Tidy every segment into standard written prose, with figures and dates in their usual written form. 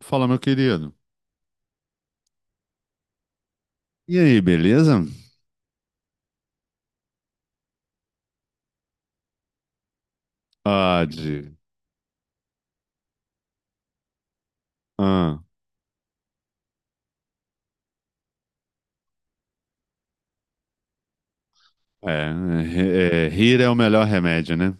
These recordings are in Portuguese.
Fala, meu querido. E aí, beleza? Ah, de... Ah, é, Rir é o melhor remédio, né?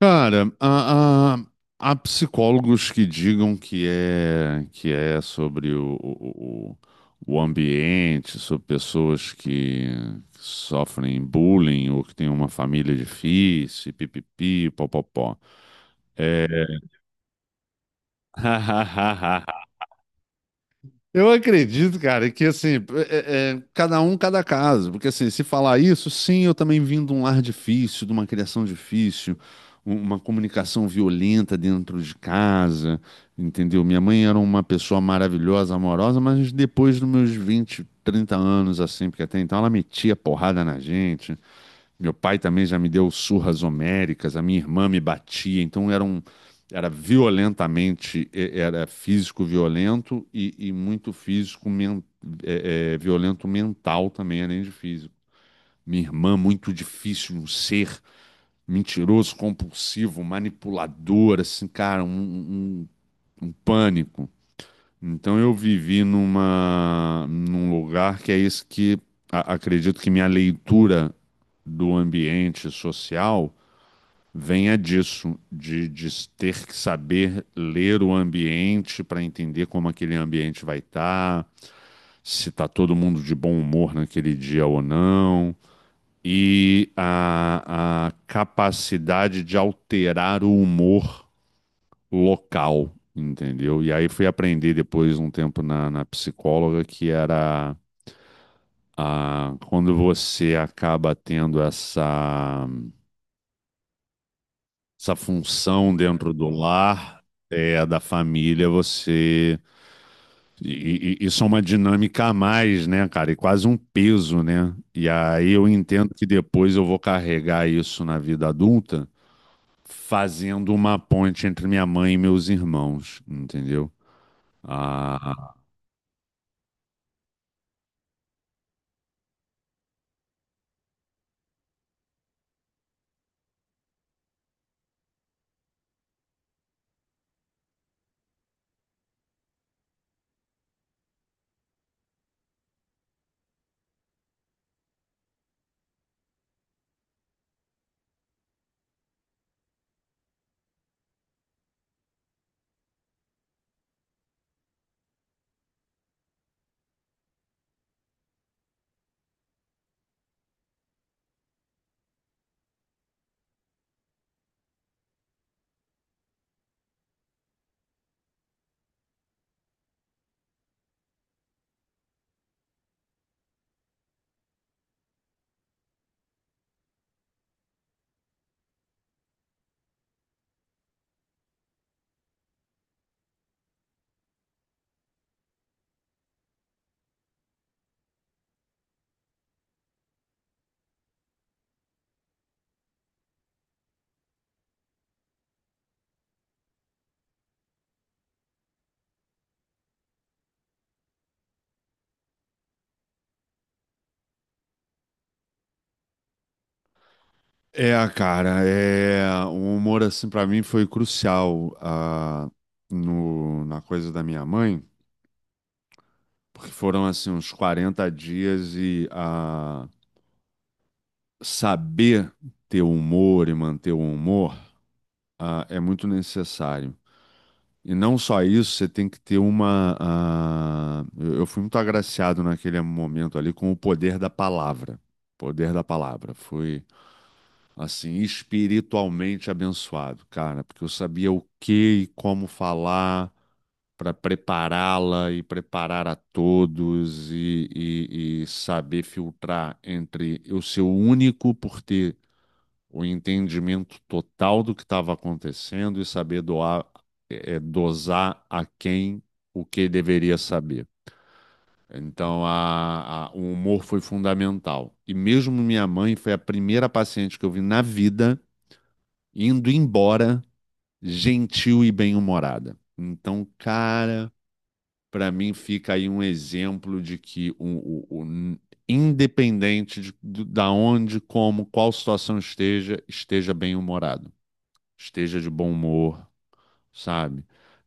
Cara, há psicólogos que digam que é sobre o ambiente, sobre pessoas que sofrem bullying ou que têm uma família difícil, pipipi, popopó. Eu acredito, cara, que assim, cada um, cada caso. Porque assim, se falar isso, sim, eu também vim de um lar difícil, de uma criação difícil, uma comunicação violenta dentro de casa, entendeu? Minha mãe era uma pessoa maravilhosa, amorosa, mas depois dos meus 20, 30 anos, assim, porque até então ela metia porrada na gente, meu pai também já me deu surras homéricas, a minha irmã me batia, então era violentamente, era físico violento e muito violento mental também, além de físico. Minha irmã, muito difícil, um ser mentiroso, compulsivo, manipulador, assim, cara, um pânico. Então eu vivi num lugar que é isso que acredito que minha leitura do ambiente social venha disso, de ter que saber ler o ambiente para entender como aquele ambiente vai estar, se está todo mundo de bom humor naquele dia ou não, e a capacidade de alterar o humor local, entendeu? E aí fui aprender depois um tempo na psicóloga que era a, quando você acaba tendo essa função dentro do lar, é, da família, você. Isso é uma dinâmica a mais, né, cara? E quase um peso, né? E aí eu entendo que depois eu vou carregar isso na vida adulta, fazendo uma ponte entre minha mãe e meus irmãos, entendeu? Ah, É, cara, é o humor assim pra mim foi crucial, no, na coisa da minha mãe, porque foram assim uns 40 dias e, saber ter humor e manter o humor, é muito necessário. E não só isso, você tem que ter uma. Eu fui muito agraciado naquele momento ali com o poder da palavra. Poder da palavra. Foi assim, espiritualmente abençoado, cara, porque eu sabia o que e como falar para prepará-la e preparar a todos e saber filtrar entre eu ser o único por ter o entendimento total do que estava acontecendo e saber doar, dosar a quem o que deveria saber. Então, o humor foi fundamental. E mesmo minha mãe foi a primeira paciente que eu vi na vida indo embora, gentil e bem-humorada. Então, cara, para mim fica aí um exemplo de que o- o- independente da onde, como, qual situação esteja, esteja bem-humorado, esteja de bom humor, sabe?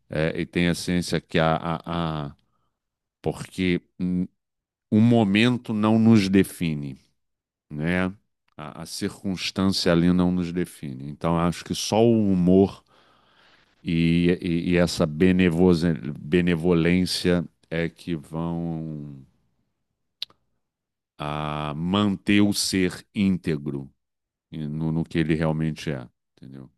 É, e tenha ciência que a- porque o momento não nos define, né? A circunstância ali não nos define. Então, acho que só o humor e essa benevolência é que vão, manter o ser íntegro e no que ele realmente é, entendeu?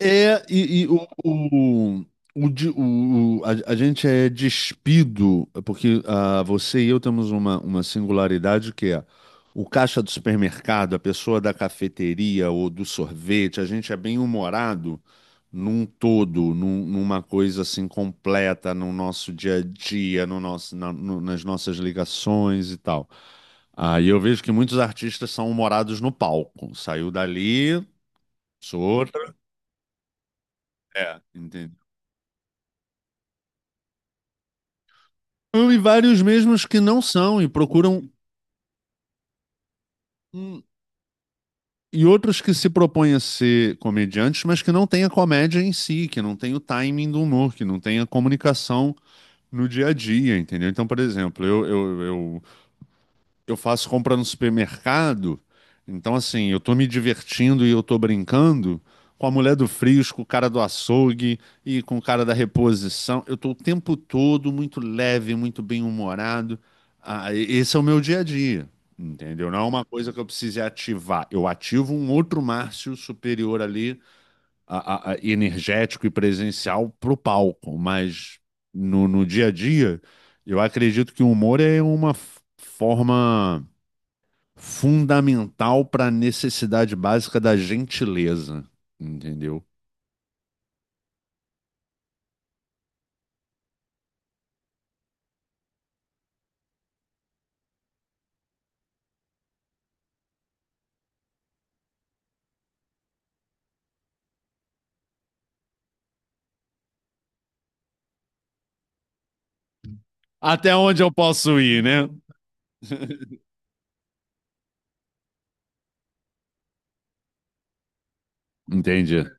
É, e o, de- o- a gente é despido, porque, você e eu temos uma singularidade que é o caixa do supermercado, a pessoa da cafeteria ou do sorvete, a gente é bem humorado num todo, numa coisa assim completa no nosso dia a dia, no nosso, na- no- nas nossas ligações e tal. Ah, e eu vejo que muitos artistas são humorados no palco. Saiu dali, sou outra. É, entendeu? E vários mesmos que não são e procuram. um E outros que se propõem a ser comediantes, mas que não têm a comédia em si, que não tem o timing do humor, que não tem a comunicação no dia a dia, entendeu? Então, por exemplo, eu faço compra no supermercado, então assim, eu tô me divertindo e eu tô brincando com a mulher do Frisco, o cara do açougue e com o cara da reposição. Eu tô o tempo todo muito leve, muito bem-humorado. Esse é o meu dia a dia, entendeu? Não é uma coisa que eu precise ativar. Eu ativo um outro Márcio superior ali, energético e presencial pro palco, mas no dia a dia, eu acredito que o humor é uma forma fundamental para a necessidade básica da gentileza, entendeu? Até onde eu posso ir, né? Entendi.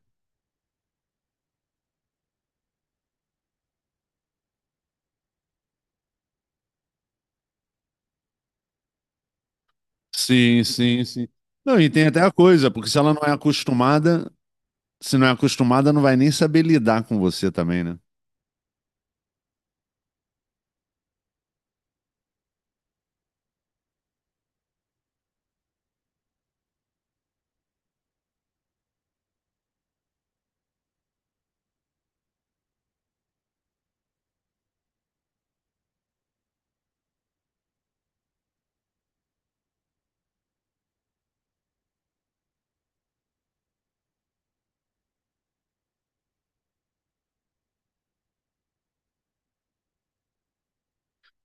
Sim, sim, sim. Não, e tem até a coisa, porque se não é acostumada, não vai nem saber lidar com você também, né?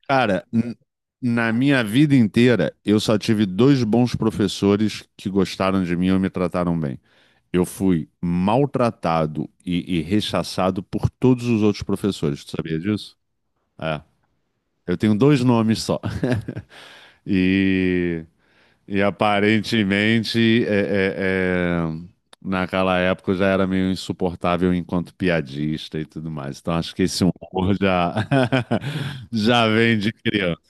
Cara, na minha vida inteira, eu só tive dois bons professores que gostaram de mim e me trataram bem. Eu fui maltratado e rechaçado por todos os outros professores, tu sabia disso? É. Eu tenho dois nomes só. E, e aparentemente, é, é, é, naquela época eu já era meio insuportável enquanto piadista e tudo mais. Então acho que esse humor já, já vem de criança.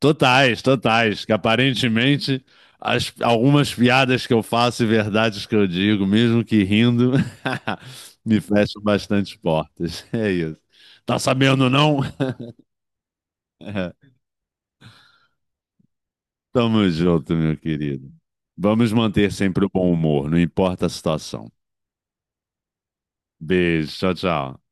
Totais, totais. Que aparentemente algumas piadas que eu faço e verdades que eu digo, mesmo que rindo, me fecham bastante portas. É isso. Tá sabendo, não? Tamo junto, meu querido. Vamos manter sempre o bom humor, não importa a situação. Beijo, tchau, tchau.